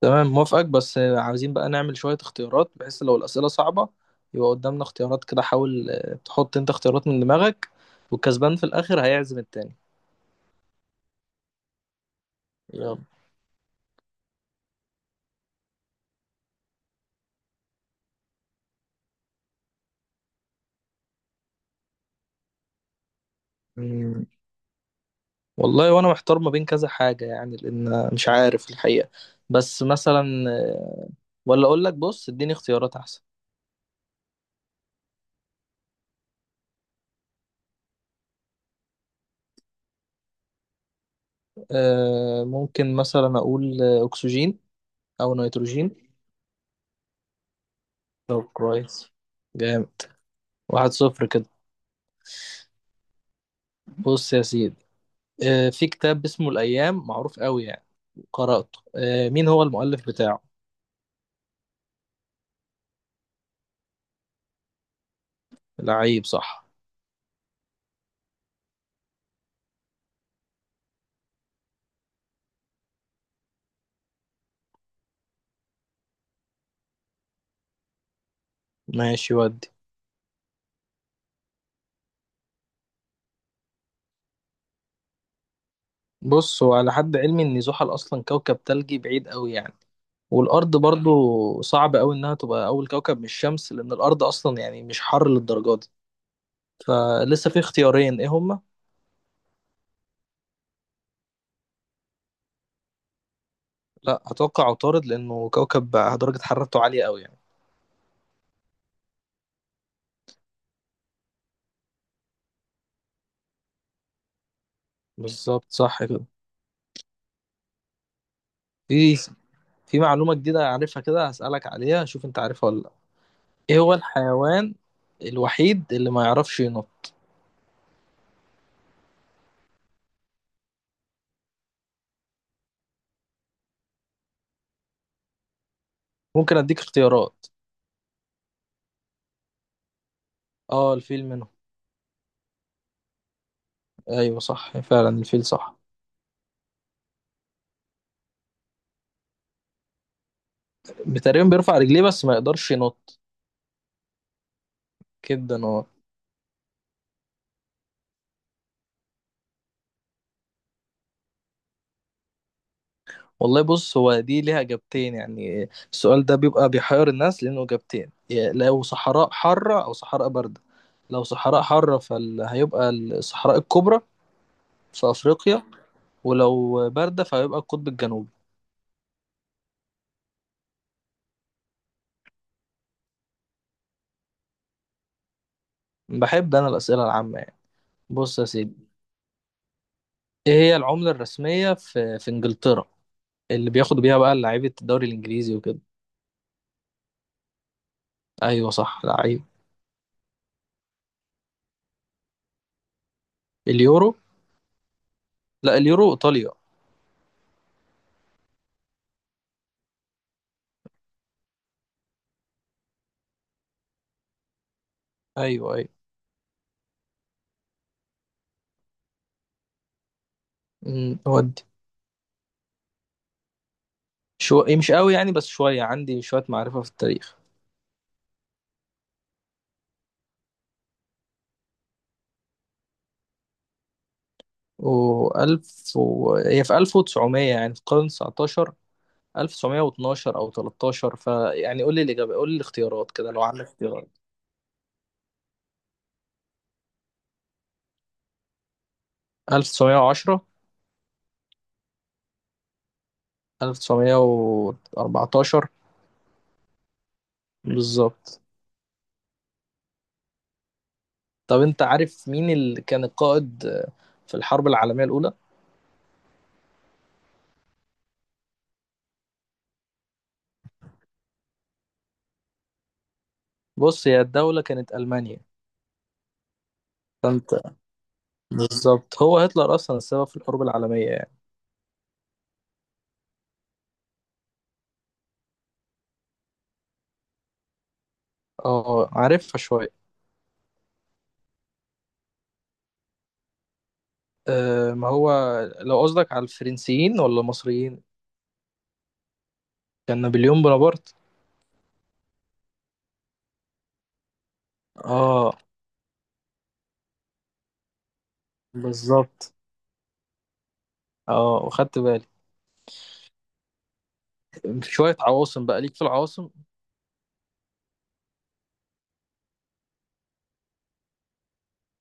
تمام، موافقك. بس عاوزين بقى نعمل شوية اختيارات، بحيث لو الأسئلة صعبة يبقى قدامنا اختيارات كده. حاول تحط انت اختيارات من دماغك، والكسبان في الآخر هيعزم التاني. يلا. مم، والله وانا محتار ما بين كذا حاجة يعني، لأن مش عارف الحقيقة. بس مثلا آه، ولا أقول لك: بص، اديني اختيارات أحسن. ممكن مثلا أقول أكسجين، أو نيتروجين. طب كويس. جامد. واحد صفر كده. بص يا سيدي، في كتاب اسمه الأيام معروف قوي يعني، قرأته. مين هو المؤلف بتاعه؟ لعيب صح. ماشي ودي. بص، هو على حد علمي ان زحل اصلا كوكب تلجي بعيد قوي يعني، والارض برضو صعب قوي انها تبقى اول كوكب من الشمس، لان الارض اصلا يعني مش حر للدرجه دي. فلسه في اختيارين، ايه هما؟ لا، اتوقع عطارد لانه كوكب بقى درجه حرارته عاليه قوي يعني. بالظبط، صح كده. في في معلومه جديده عارفها كده، هسألك عليها، شوف انت عارفها ولا لا. ايه هو الحيوان الوحيد اللي ما يعرفش ينط؟ ممكن اديك اختيارات. اه، الفيل منه. ايوه، صح فعلا الفيل صح. تقريبا بيرفع رجليه بس ما يقدرش ينط. كده اه. والله بص، هو دي ليها اجابتين يعني. السؤال ده بيبقى بيحير الناس لانه اجابتين: يا لو صحراء حارة او صحراء باردة. لو صحراء حارة فهيبقى الصحراء الكبرى في افريقيا. ولو باردة فهيبقى القطب الجنوبي. بحب انا الاسئلة العامة يعني. بص يا سيدي، ايه هي العملة الرسمية في انجلترا؟ اللي بياخدوا بيها بقى لعيبة الدوري الانجليزي وكده. ايوه صح، لعيب. اليورو؟ لا، اليورو ايطاليا. ايوه ايوه. ودي. إيه، مش قوي يعني، بس عندي شويه معرفه في التاريخ. هي في 1900 يعني في القرن 19، 1912 او 13، فيعني قول لي الاجابه، قول لي الاختيارات كده لو عندك اختيارات. 1910. 1914. بالظبط. طب انت عارف مين اللي كان القائد في الحرب العالميه الاولى؟ بص هي الدوله كانت المانيا. فانت بالظبط، هو هتلر اصلا السبب في الحروب العالميه. اه، عارفها شوية. أه، ما هو، لو قصدك على الفرنسيين ولا المصريين؟ كان نابليون بونابرت. اه، بالظبط. اه، وخدت بالي. شوية عواصم بقى، ليك في العواصم؟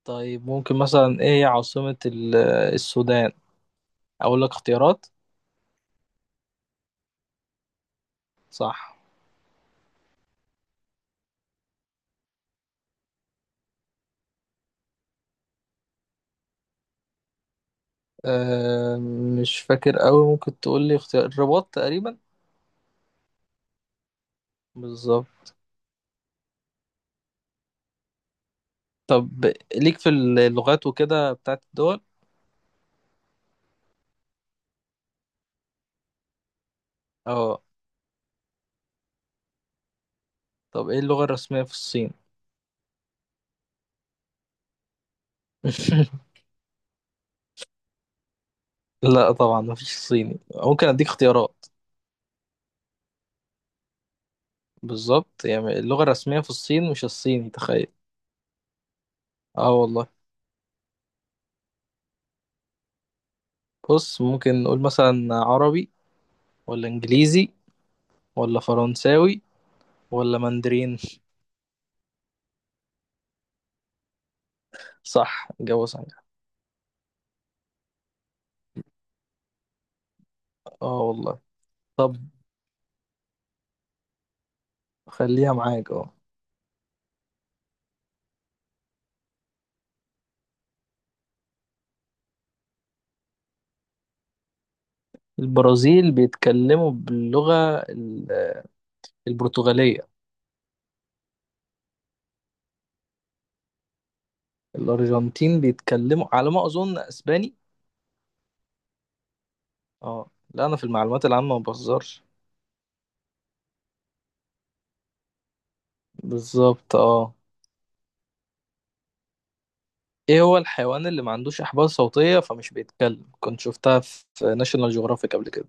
طيب ممكن مثلا، ايه هي عاصمة السودان؟ اقول لك اختيارات. صح. أه، مش فاكر قوي، ممكن تقول لي اختيار. الرباط تقريبا. بالظبط. طب ليك في اللغات وكده بتاعت الدول؟ اه. طب ايه اللغة الرسمية في الصين؟ لا طبعا، مفيش الصيني، ممكن اديك اختيارات. بالظبط، يعني اللغة الرسمية في الصين مش الصيني، تخيل. اه والله. بص ممكن نقول مثلا عربي ولا انجليزي ولا فرنساوي ولا ماندرين صح جوه صحيح اه والله طب خليها معاك اه. البرازيل بيتكلموا باللغة ال- البرتغالية. الأرجنتين بيتكلموا على ما أظن أسباني. اه لا، أنا في المعلومات العامة ما بهزرش. بالظبط اه. ايه هو الحيوان اللي ما عندوش احبال صوتية فمش بيتكلم؟ كنت شفتها في ناشونال جيوغرافيك قبل كده.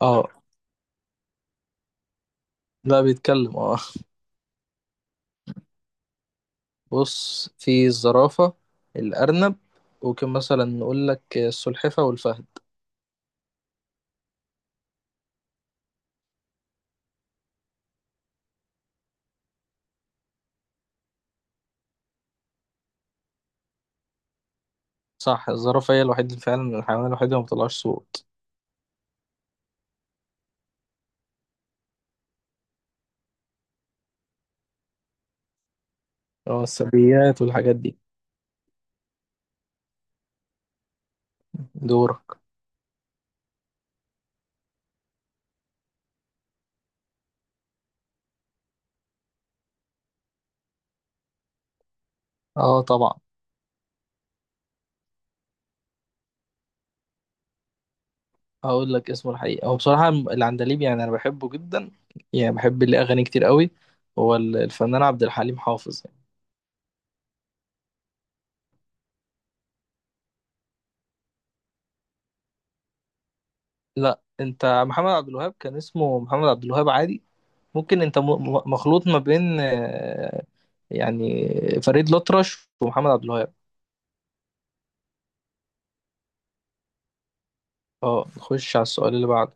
اه لا، بيتكلم اه. بص، في الزرافة، الارنب، ممكن مثلا نقول لك السلحفة والفهد. صح، الزرافة هي الوحيد فعلا، الحيوان الوحيد اللي ما بيطلعش صوت. اه، الثدييات والحاجات دي. دورك. اه طبعا. هقول لك اسمه الحقيقي، هو بصراحة العندليب يعني انا بحبه جدا يعني، بحب ليه اغاني كتير قوي. هو الفنان عبد الحليم حافظ. لا انت، محمد عبد الوهاب كان اسمه محمد عبد الوهاب عادي. ممكن انت مخلوط ما بين يعني فريد الأطرش ومحمد عبد الوهاب. اه، نخش على السؤال اللي بعده.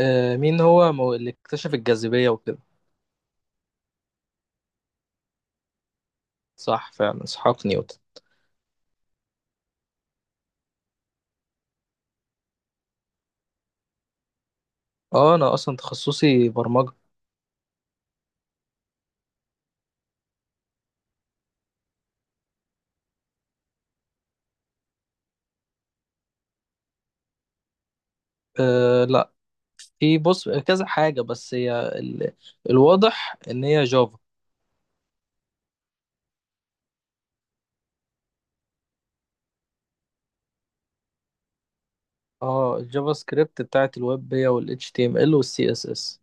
مين هو اللي اكتشف الجاذبية وكده؟ صح، فعلا اسحاق نيوتن. اه، انا اصلا تخصصي برمجة. أه لا. في بص كذا حاجة بس هي الواضح ان هي جافا. اه، الجافا سكريبت بتاعت الويب هي وال HTML وال CSS.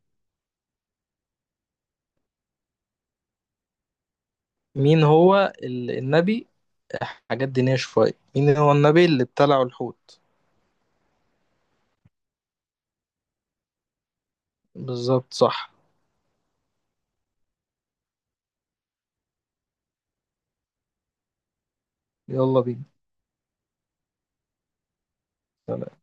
مين هو النبي، حاجات دينية شوية، مين هو النبي اللي ابتلعه الحوت؟ بالظبط صح. يلا بينا.